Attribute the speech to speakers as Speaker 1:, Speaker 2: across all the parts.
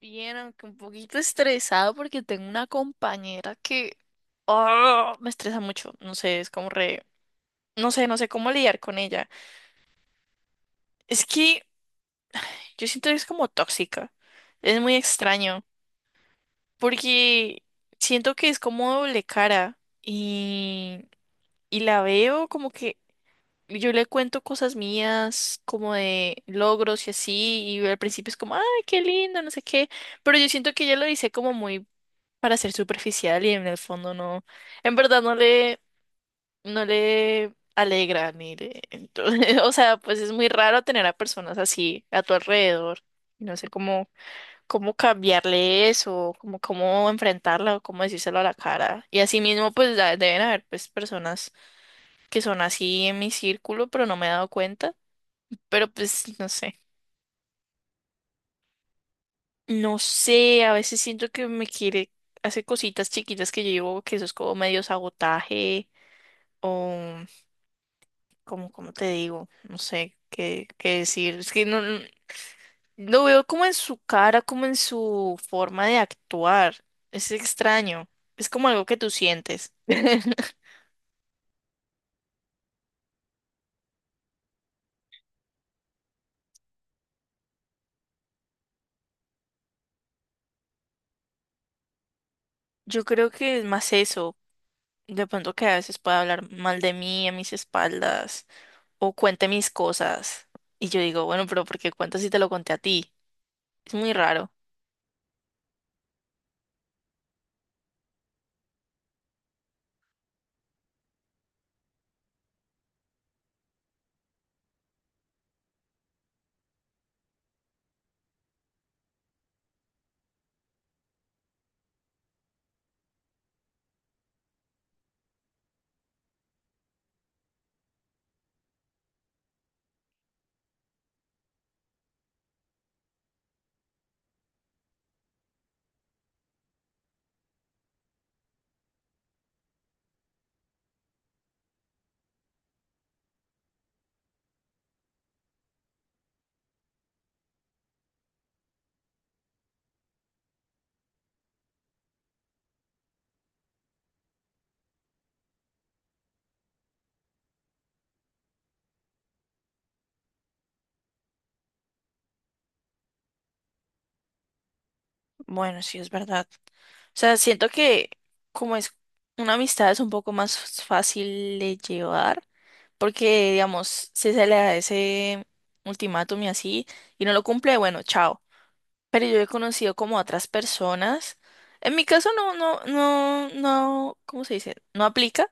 Speaker 1: Bien, aunque un poquito estresado porque tengo una compañera que me estresa mucho. No sé, es como re... No sé, no sé cómo lidiar con ella. Es que yo siento que es como tóxica. Es muy extraño porque siento que es como doble cara y la veo como que yo le cuento cosas mías como de logros y así y al principio es como, ay, qué lindo, no sé qué. Pero yo siento que ella lo dice como muy para ser superficial y en el fondo no, en verdad no le alegra ni le, entonces, o sea, pues es muy raro tener a personas así a tu alrededor. No sé cómo, cómo cambiarle eso, cómo, cómo enfrentarla o cómo decírselo a la cara. Y así mismo, pues deben haber pues personas que son así en mi círculo, pero no me he dado cuenta. Pero pues no sé. No sé, a veces siento que me quiere, hace cositas chiquitas que yo digo que eso es como medio sabotaje. Como, como te digo, no sé qué, qué decir. Es que lo veo como en su cara, como en su forma de actuar. Es extraño. Es como algo que tú sientes. Yo creo que es más eso. De pronto que a veces puede hablar mal de mí a mis espaldas o cuente mis cosas. Y yo digo, bueno, pero ¿por qué cuento si te lo conté a ti? Es muy raro. Bueno, sí, es verdad. O sea, siento que como es una amistad es un poco más fácil de llevar, porque digamos, si se le da ese ultimátum y así, y no lo cumple, bueno, chao. Pero yo he conocido como otras personas. En mi caso no, ¿cómo se dice? No aplica,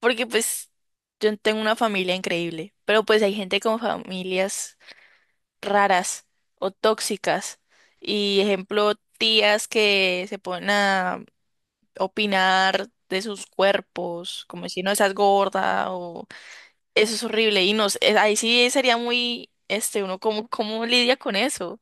Speaker 1: porque pues yo tengo una familia increíble, pero pues hay gente con familias raras o tóxicas. Y ejemplo, tías que se ponen a opinar de sus cuerpos, como si no estás gorda o eso es horrible y nos ahí sí sería muy este uno cómo cómo lidia con eso.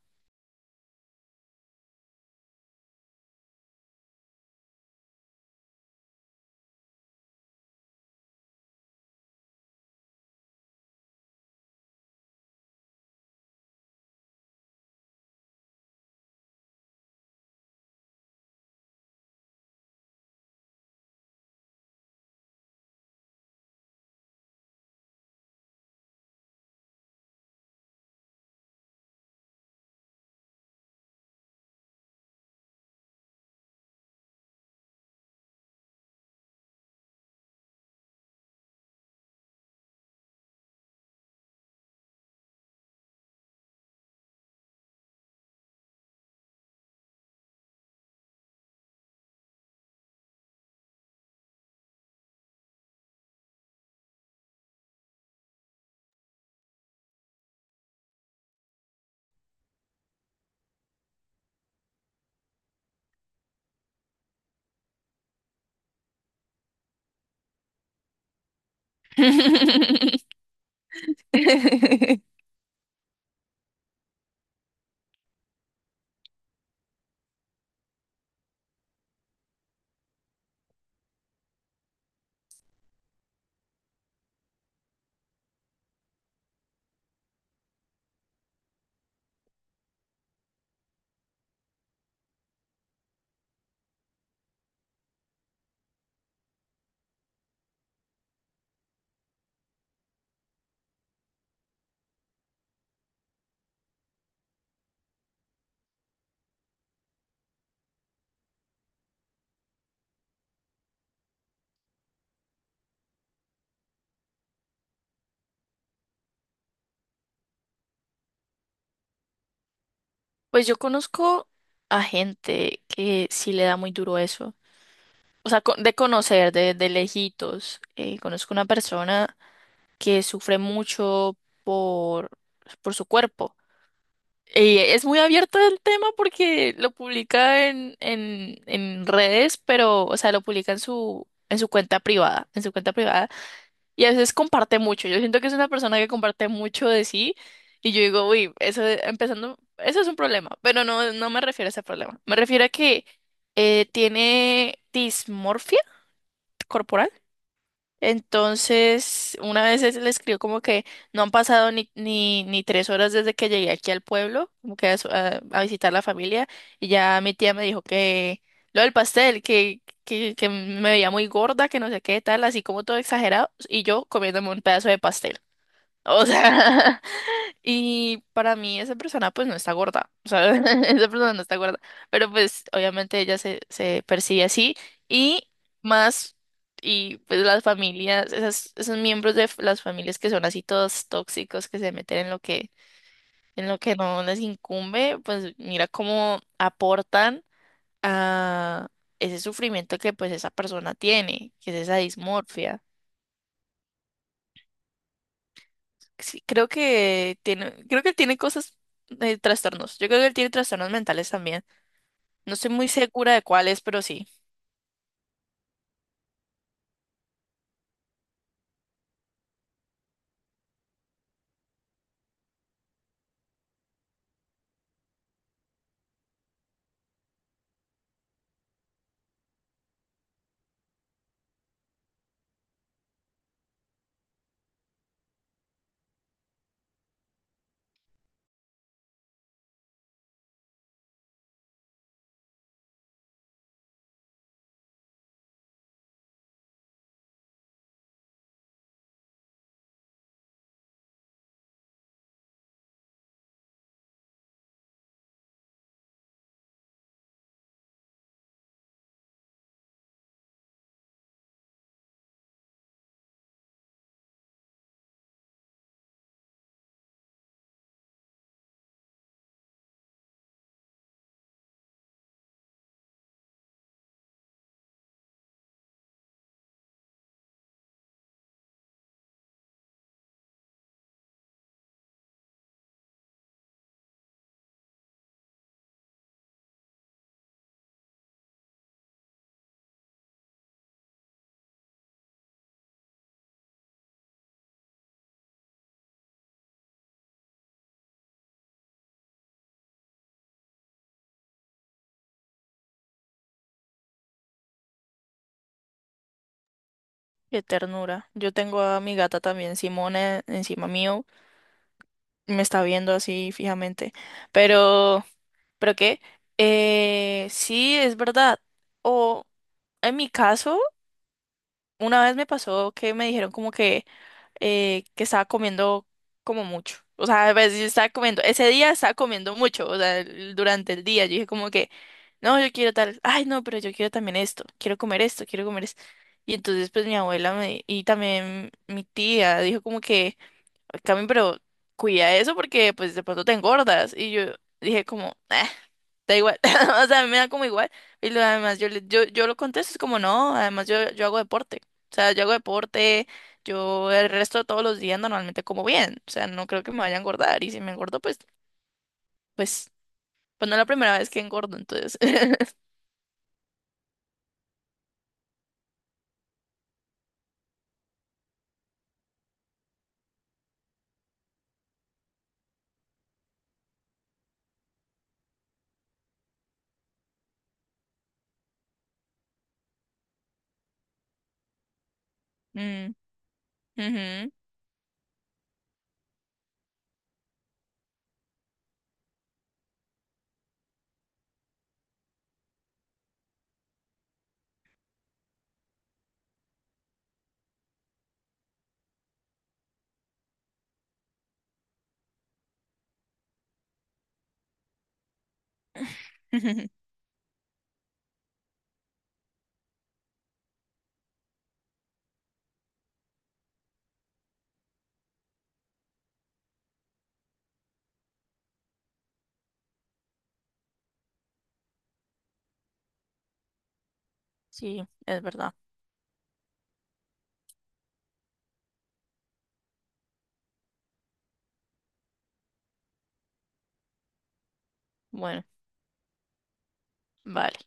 Speaker 1: Pues yo conozco a gente que sí le da muy duro eso. O sea, de conocer, de lejitos. Conozco una persona que sufre mucho por, por su cuerpo. Y es muy abierto el tema porque lo publica en redes, pero, o sea, lo publica en su cuenta privada, en su cuenta privada, y a veces comparte mucho. Yo siento que es una persona que comparte mucho de sí, y yo digo, uy, eso empezando, eso es un problema, pero no, no me refiero a ese problema. Me refiero a que tiene dismorfia corporal. Entonces, una vez le escribió como que no han pasado ni tres horas desde que llegué aquí al pueblo, como que a visitar la familia, y ya mi tía me dijo que lo del pastel, que me veía muy gorda, que no sé qué tal, así como todo exagerado, y yo comiéndome un pedazo de pastel. O sea, y para mí esa persona pues no está gorda, o sea, esa persona no está gorda, pero pues obviamente ella se percibe así y más, y pues las familias, esas, esos miembros de las familias que son así todos tóxicos, que se meten en lo que no les incumbe, pues mira cómo aportan a ese sufrimiento que pues esa persona tiene, que es esa dismorfia. Sí, creo que tiene, creo que él tiene cosas, trastornos. Yo creo que él tiene trastornos mentales también. No estoy muy segura de cuáles, pero sí. Qué ternura. Yo tengo a mi gata también, Simone, encima mío. Me está viendo así fijamente. Pero, ¿Pero qué? Sí, es verdad. O en mi caso, una vez me pasó que me dijeron como que estaba comiendo como mucho. O sea, a veces yo estaba comiendo, ese día estaba comiendo mucho, o sea, durante el día. Yo dije como que, no, yo quiero tal, ay, no, pero yo quiero también esto, quiero comer esto, quiero comer esto. Y entonces pues mi abuela me, y también mi tía dijo como que... Cami, pero cuida eso porque pues de pronto te engordas. Y yo dije como, "Ah, da igual, o sea, me da como igual. Y lo, además yo, yo lo contesto, es como, no, además yo hago deporte. O sea, yo hago deporte, yo el resto de todos los días normalmente como bien. O sea, no creo que me vaya a engordar. Y si me engordo, pues, pues no es la primera vez que engordo, entonces. Mm, ujú. Sí, es verdad. Bueno, vale.